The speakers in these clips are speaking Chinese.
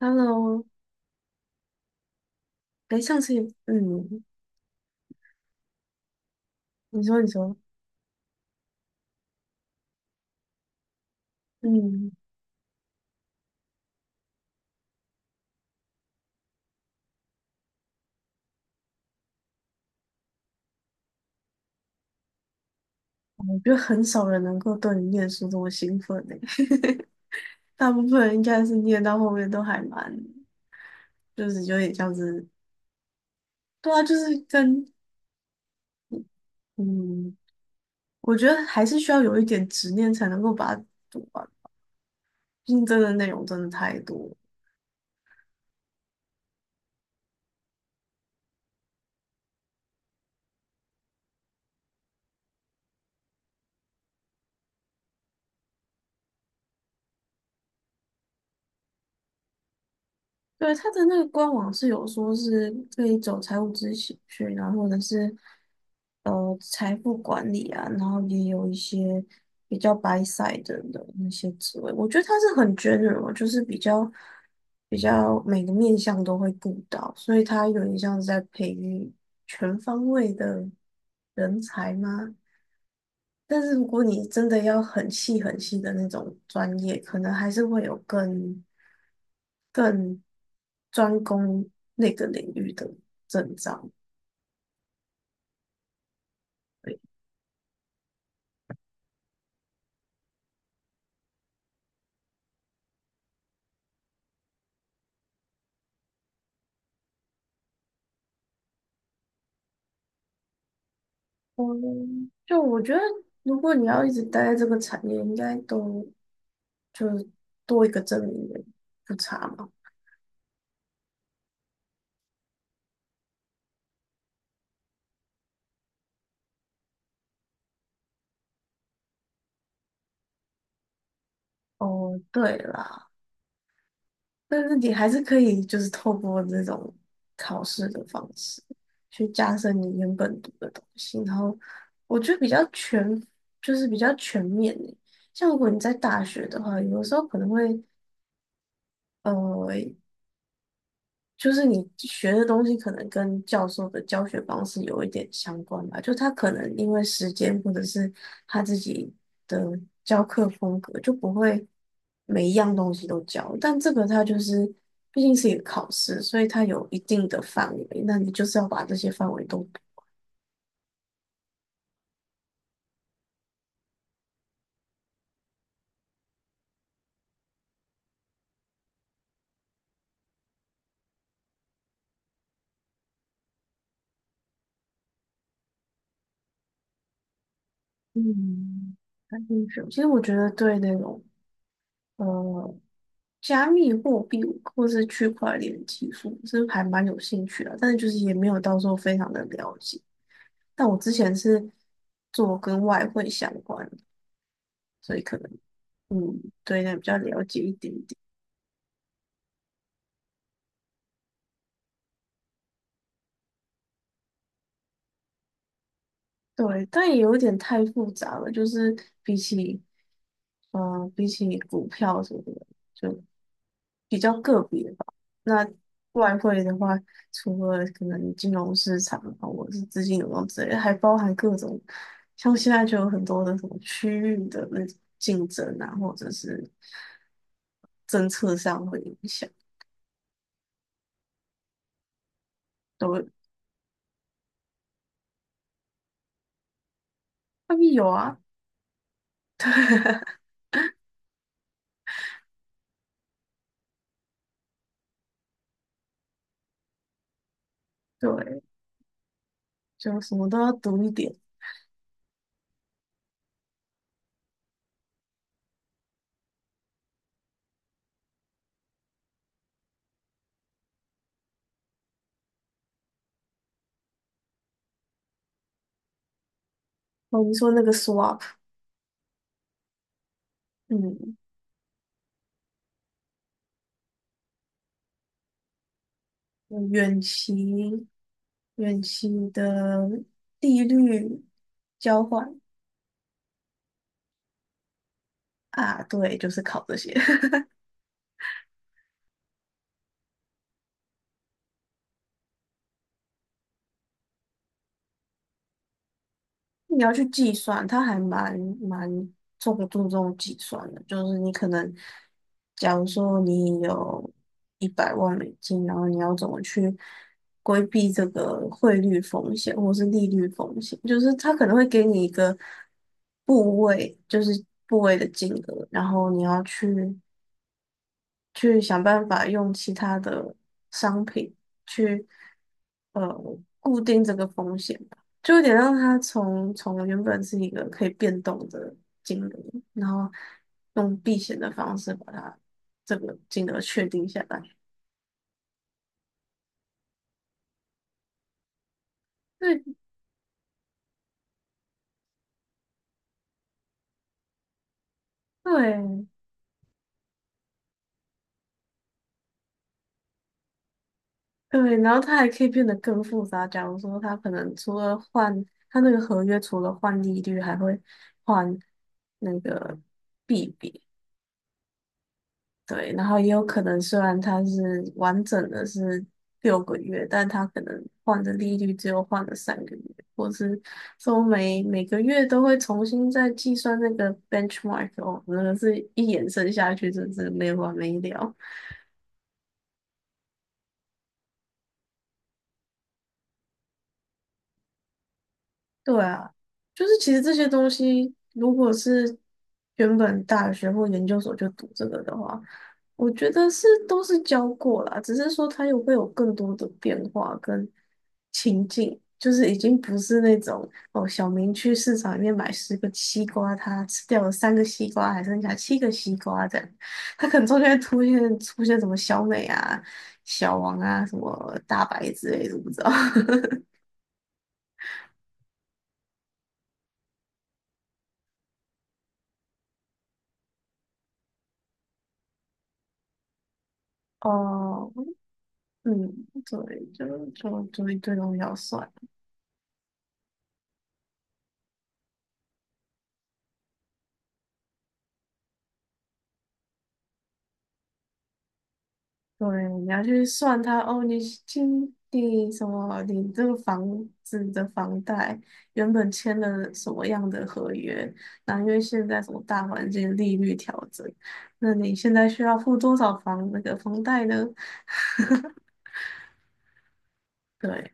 Hello，哎，上次嗯，你说，嗯，我觉得很少人能够对你念书这么兴奋的，大部分人应该是念到后面都还蛮，就是有点像是，对啊，就是跟嗯，我觉得还是需要有一点执念才能够把它读完，毕竟真的内容真的太多。对，他的那个官网是有说是可以走财务咨询去，然后或者是财富管理啊，然后也有一些比较白 s 的那些职位，我觉得他是很 general，就是比较每个面向都会顾到，所以他有点像是在培育全方位的人才吗？但是如果你真的要很细很细的那种专业，可能还是会有更专攻那个领域的证照。嗯，就我觉得，如果你要一直待在这个产业，应该都就是多一个证明也不差嘛。哦，对啦。但是你还是可以，就是透过这种考试的方式去加深你原本读的东西，然后我觉得比较全，就是比较全面诶。像如果你在大学的话，有的时候可能会，呃，就是你学的东西可能跟教授的教学方式有一点相关吧，就他可能因为时间或者是他自己的教课风格，就不会每一样东西都教。但这个他就是毕竟是一个考试，所以它有一定的范围，那你就是要把这些范围都读嗯，感兴趣。其实我觉得对那种呃加密货币或是区块链技术，这还蛮有兴趣的，但是就是也没有到时候非常的了解。但我之前是做跟外汇相关的，所以可能对那比较了解一点点。对，但也有点太复杂了，就是比起，嗯、比起股票什么的，就。比较个别吧。那外汇的话，除了可能金融市场啊，或者是资金流动之类的还包含各种，像现在就有很多的什么区域的那种竞争啊，或者是政策上会影响，都会外面有啊，对，就什么都要读一点。哦，你说那个 swap，嗯，远期远期的利率交换啊，对，就是考这些。你要去计算，它还蛮重注重计算的，就是你可能，假如说你有100万美金，然后你要怎么去规避这个汇率风险或是利率风险，就是它可能会给你一个部位，就是部位的金额，然后你要去去想办法用其他的商品去呃固定这个风险吧，就有点让它从原本是一个可以变动的金额，然后用避险的方式把它这个金额确定下来。对对对，然后它还可以变得更复杂。假如说它可能除了换它那个合约，除了换利率，还会换那个币别。对，然后也有可能，虽然它是完整的是6个月，但它可能换的利率只有换了3个月，或是说每个月都会重新再计算那个 benchmark 哦，那个是一延伸下去，真是没完没了。对啊，就是其实这些东西，如果是原本大学或研究所就读这个的话，我觉得是都是教过啦，只是说它有会有更多的变化跟情境，就是已经不是那种哦，小明去市场里面买10个西瓜，他吃掉了3个西瓜，还剩下7个西瓜这样，他可能中间出现什么小美啊、小王啊、什么大白之类的，我不知道。哦嗯，对，就一堆东西要算，对，你要去算它哦，你今你什么，你这个房子的房贷原本签了什么样的合约，那因为现在什么大环境利率调整，那你现在需要付多少房那个房贷呢？对，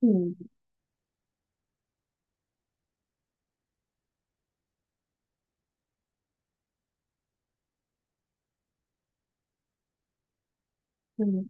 嗯嗯，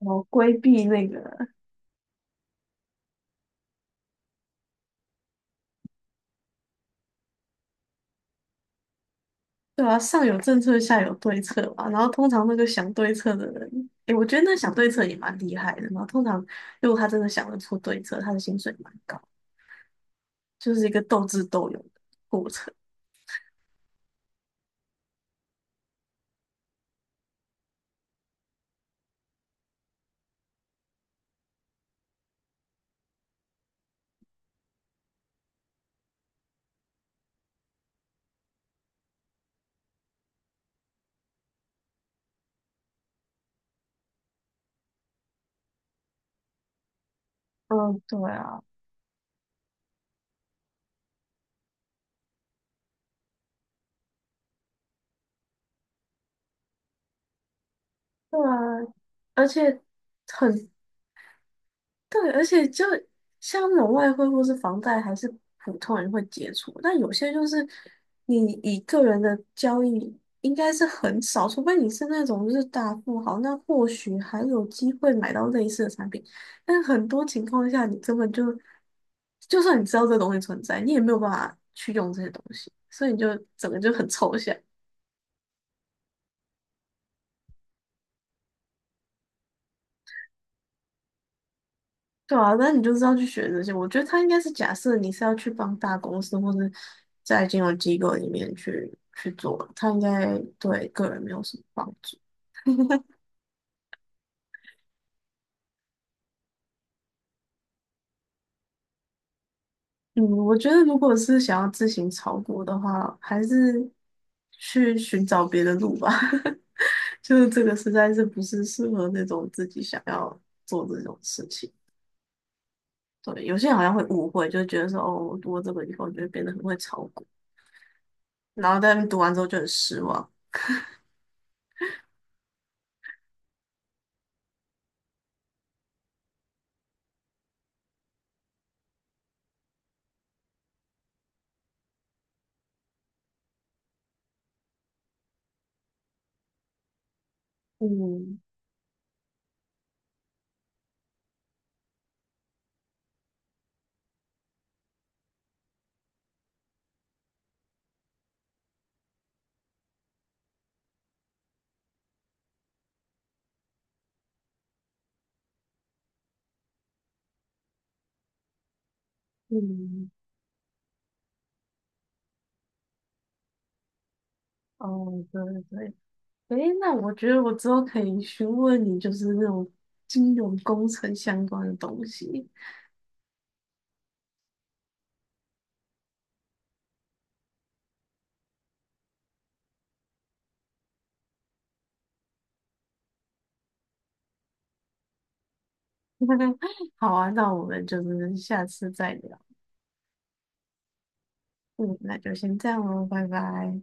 我规避那个。对啊，上有政策，下有对策嘛。然后通常那个想对策的人，诶，我觉得那想对策也蛮厉害的。然后通常如果他真的想得出对策，他的薪水蛮高，就是一个斗智斗勇的过程。嗯，对啊，对啊，而且很对，而且就像那种外汇或是房贷，还是普通人会接触，但有些就是你以个人的交易应该是很少，除非你是那种就是大富豪，那或许还有机会买到类似的产品。但很多情况下，你根本就就算你知道这东西存在，你也没有办法去用这些东西，所以你就整个就很抽象。对啊，那你就是要去学这些。我觉得他应该是假设你是要去帮大公司或是在金融机构里面去做，他应该对个人没有什么帮助。嗯，我觉得如果是想要自行炒股的话，还是去寻找别的路吧。就是这个实在是不是适合那种自己想要做这种事情。对，有些人好像会误会，就觉得说哦，我读了这个以后就会变得很会炒股，然后但读完之后就很失望。嗯嗯。哦，对对，诶，那我觉得我之后可以询问你，就是那种金融工程相关的东西。好啊，那我们就是下次再聊。嗯，那就先这样喽，拜拜。